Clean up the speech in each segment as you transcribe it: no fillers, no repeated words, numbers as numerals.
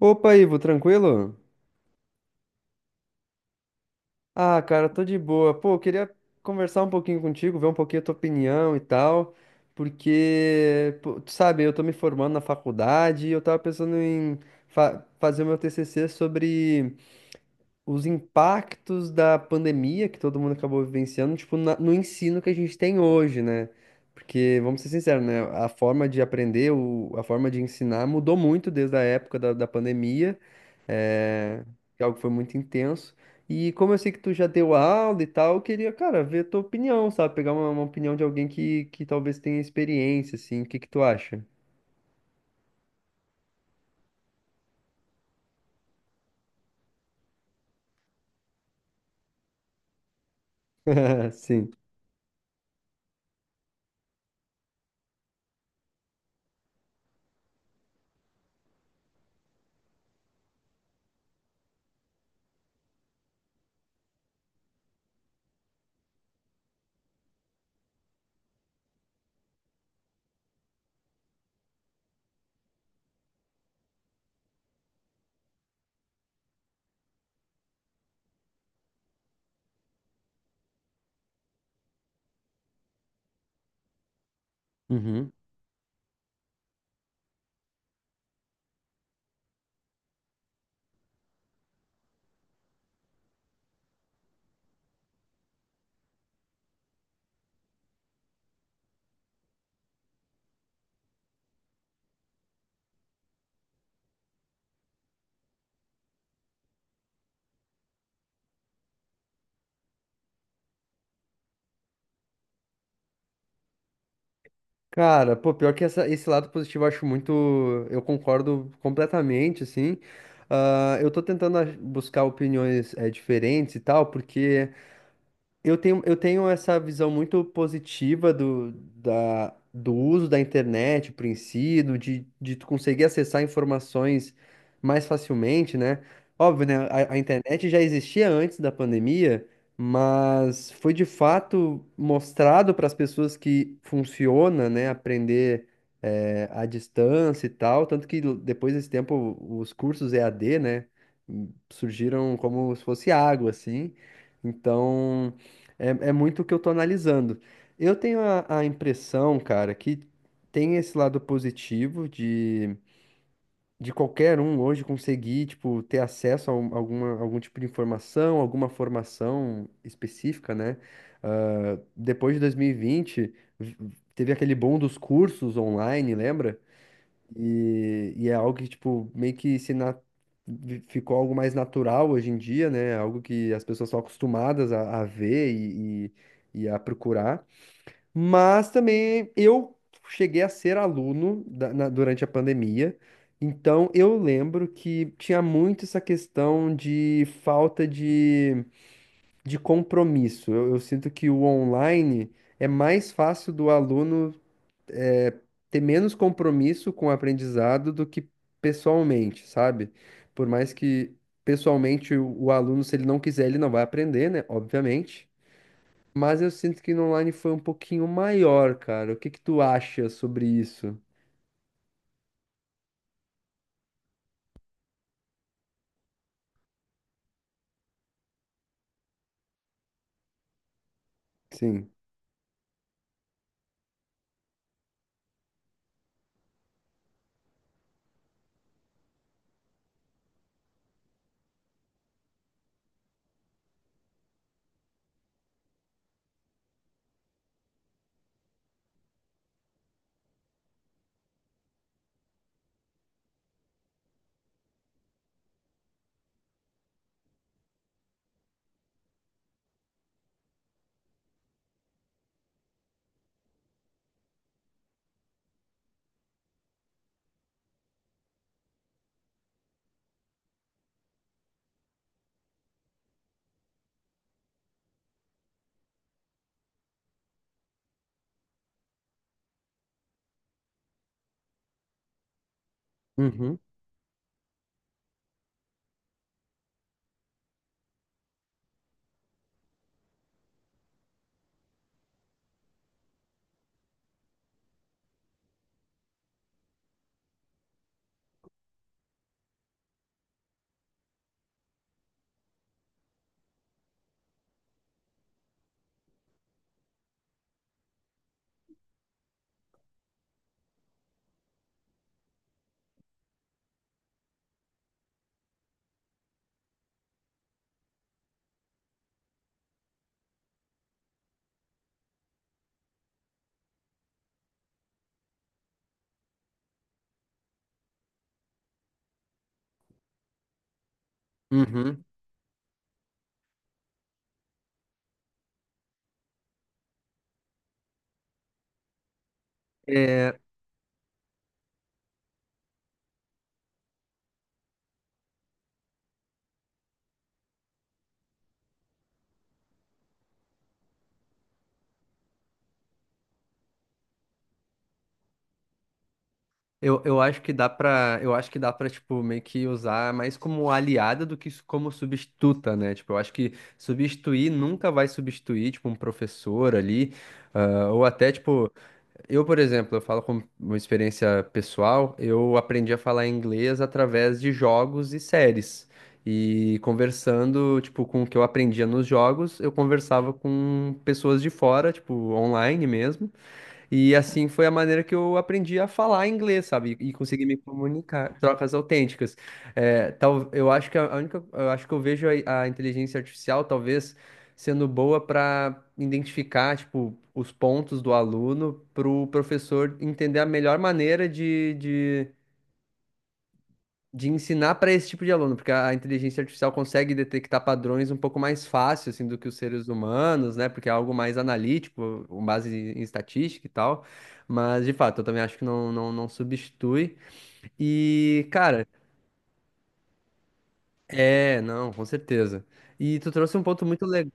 Opa, Ivo, tranquilo? Ah, cara, tô de boa. Pô, eu queria conversar um pouquinho contigo, ver um pouquinho a tua opinião e tal, porque, pô, tu sabe, eu tô me formando na faculdade e eu tava pensando em fazer o meu TCC sobre os impactos da pandemia que todo mundo acabou vivenciando, tipo, no ensino que a gente tem hoje, né? Porque, vamos ser sinceros, né? A forma de aprender, a forma de ensinar mudou muito desde a época da pandemia, é, que é algo que foi muito intenso. E como eu sei que tu já deu aula e tal, eu queria, cara, ver a tua opinião, sabe? Pegar uma opinião de alguém que talvez tenha experiência, assim. O que que tu acha? Sim. Uhum. Cara, pô, pior que esse lado positivo eu acho muito. Eu concordo completamente, assim. Ah, eu tô tentando buscar opiniões diferentes e tal, porque. Eu tenho essa visão muito positiva do uso da internet, por em si, de tu conseguir acessar informações mais facilmente, né? Óbvio, né? A internet já existia antes da pandemia, mas foi de fato mostrado para as pessoas que funciona, né? Aprender à distância e tal. Tanto que depois desse tempo, os cursos EAD, né? Surgiram como se fosse água, assim. Então. É, é muito o que eu tô analisando. Eu tenho a impressão, cara, que tem esse lado positivo de qualquer um hoje conseguir, tipo, ter acesso a alguma, algum tipo de informação, alguma formação específica, né? Ah, depois de 2020, teve aquele boom dos cursos online, lembra? E é algo que, tipo, meio que se na- vi- ficou algo mais natural hoje em dia, né? Algo que as pessoas estão acostumadas a ver e a procurar. Mas também eu cheguei a ser aluno durante a pandemia. Então eu lembro que tinha muito essa questão de falta de compromisso. Eu sinto que o online é mais fácil do aluno é, ter menos compromisso com o aprendizado do que pessoalmente, sabe? Por mais que pessoalmente o aluno, se ele não quiser, ele não vai aprender, né? Obviamente. Mas eu sinto que no online foi um pouquinho maior, cara. O que que tu acha sobre isso? Sim. Uhum. Uhum. Eu acho que dá pra, eu acho que dá pra, tipo, meio que usar mais como aliada do que como substituta, né? Tipo, eu acho que substituir nunca vai substituir, tipo, um professor ali, ah, ou até, tipo, eu, por exemplo, eu falo com uma experiência pessoal, eu aprendi a falar inglês através de jogos e séries. E conversando, tipo, com o que eu aprendia nos jogos eu conversava com pessoas de fora tipo online mesmo e assim foi a maneira que eu aprendi a falar inglês, sabe? E conseguir me comunicar, trocas autênticas. É, tal, eu acho que a única, eu acho que eu vejo a inteligência artificial talvez sendo boa para identificar, tipo, os pontos do aluno para o professor entender a melhor maneira de ensinar para esse tipo de aluno, porque a inteligência artificial consegue detectar padrões um pouco mais fácil assim do que os seres humanos, né? Porque é algo mais analítico, com base em estatística e tal. Mas de fato, eu também acho que não, não, não substitui. E, cara, é, não, com certeza. E tu trouxe um ponto muito legal.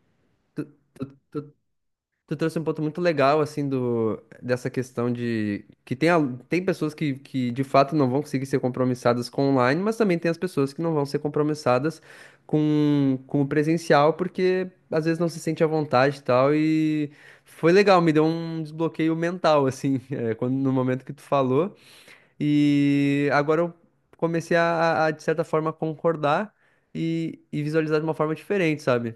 Tu trouxe um ponto muito legal, assim, do, dessa questão de que tem, tem pessoas que de fato não vão conseguir ser compromissadas com online, mas também tem as pessoas que não vão ser compromissadas com o presencial, porque às vezes não se sente à vontade e tal. E foi legal, me deu um desbloqueio mental, assim, é, quando, no momento que tu falou. E agora eu comecei de certa forma, concordar e visualizar de uma forma diferente, sabe?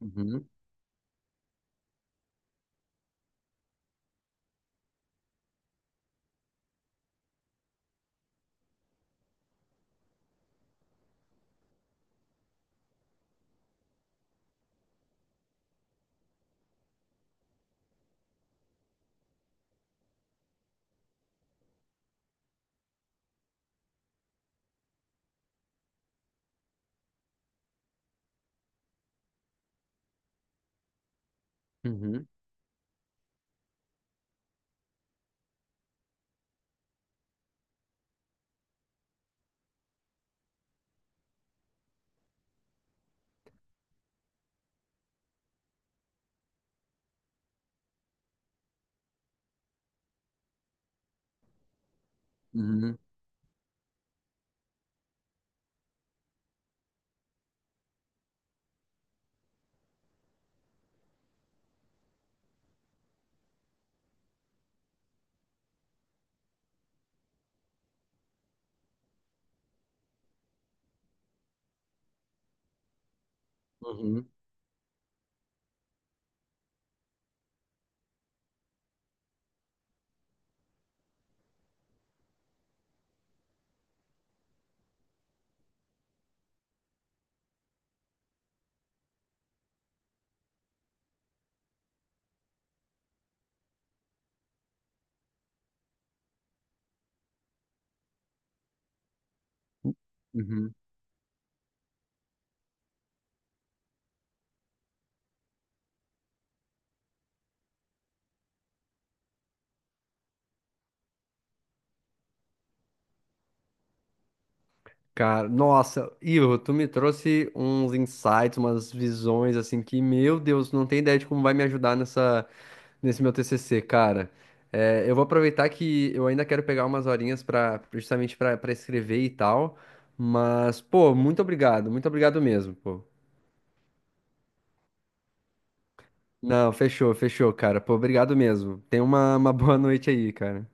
Uhum, uhum, uhum, uhum, uhum. Cara, nossa, Ivo, tu me trouxe uns insights, umas visões assim que, meu Deus, não tem ideia de como vai me ajudar nessa, nesse meu TCC, cara. É, eu vou aproveitar que eu ainda quero pegar umas horinhas para justamente para escrever e tal, mas pô, muito obrigado mesmo, pô. Não, fechou, fechou, cara. Pô, obrigado mesmo. Tenha uma boa noite aí, cara.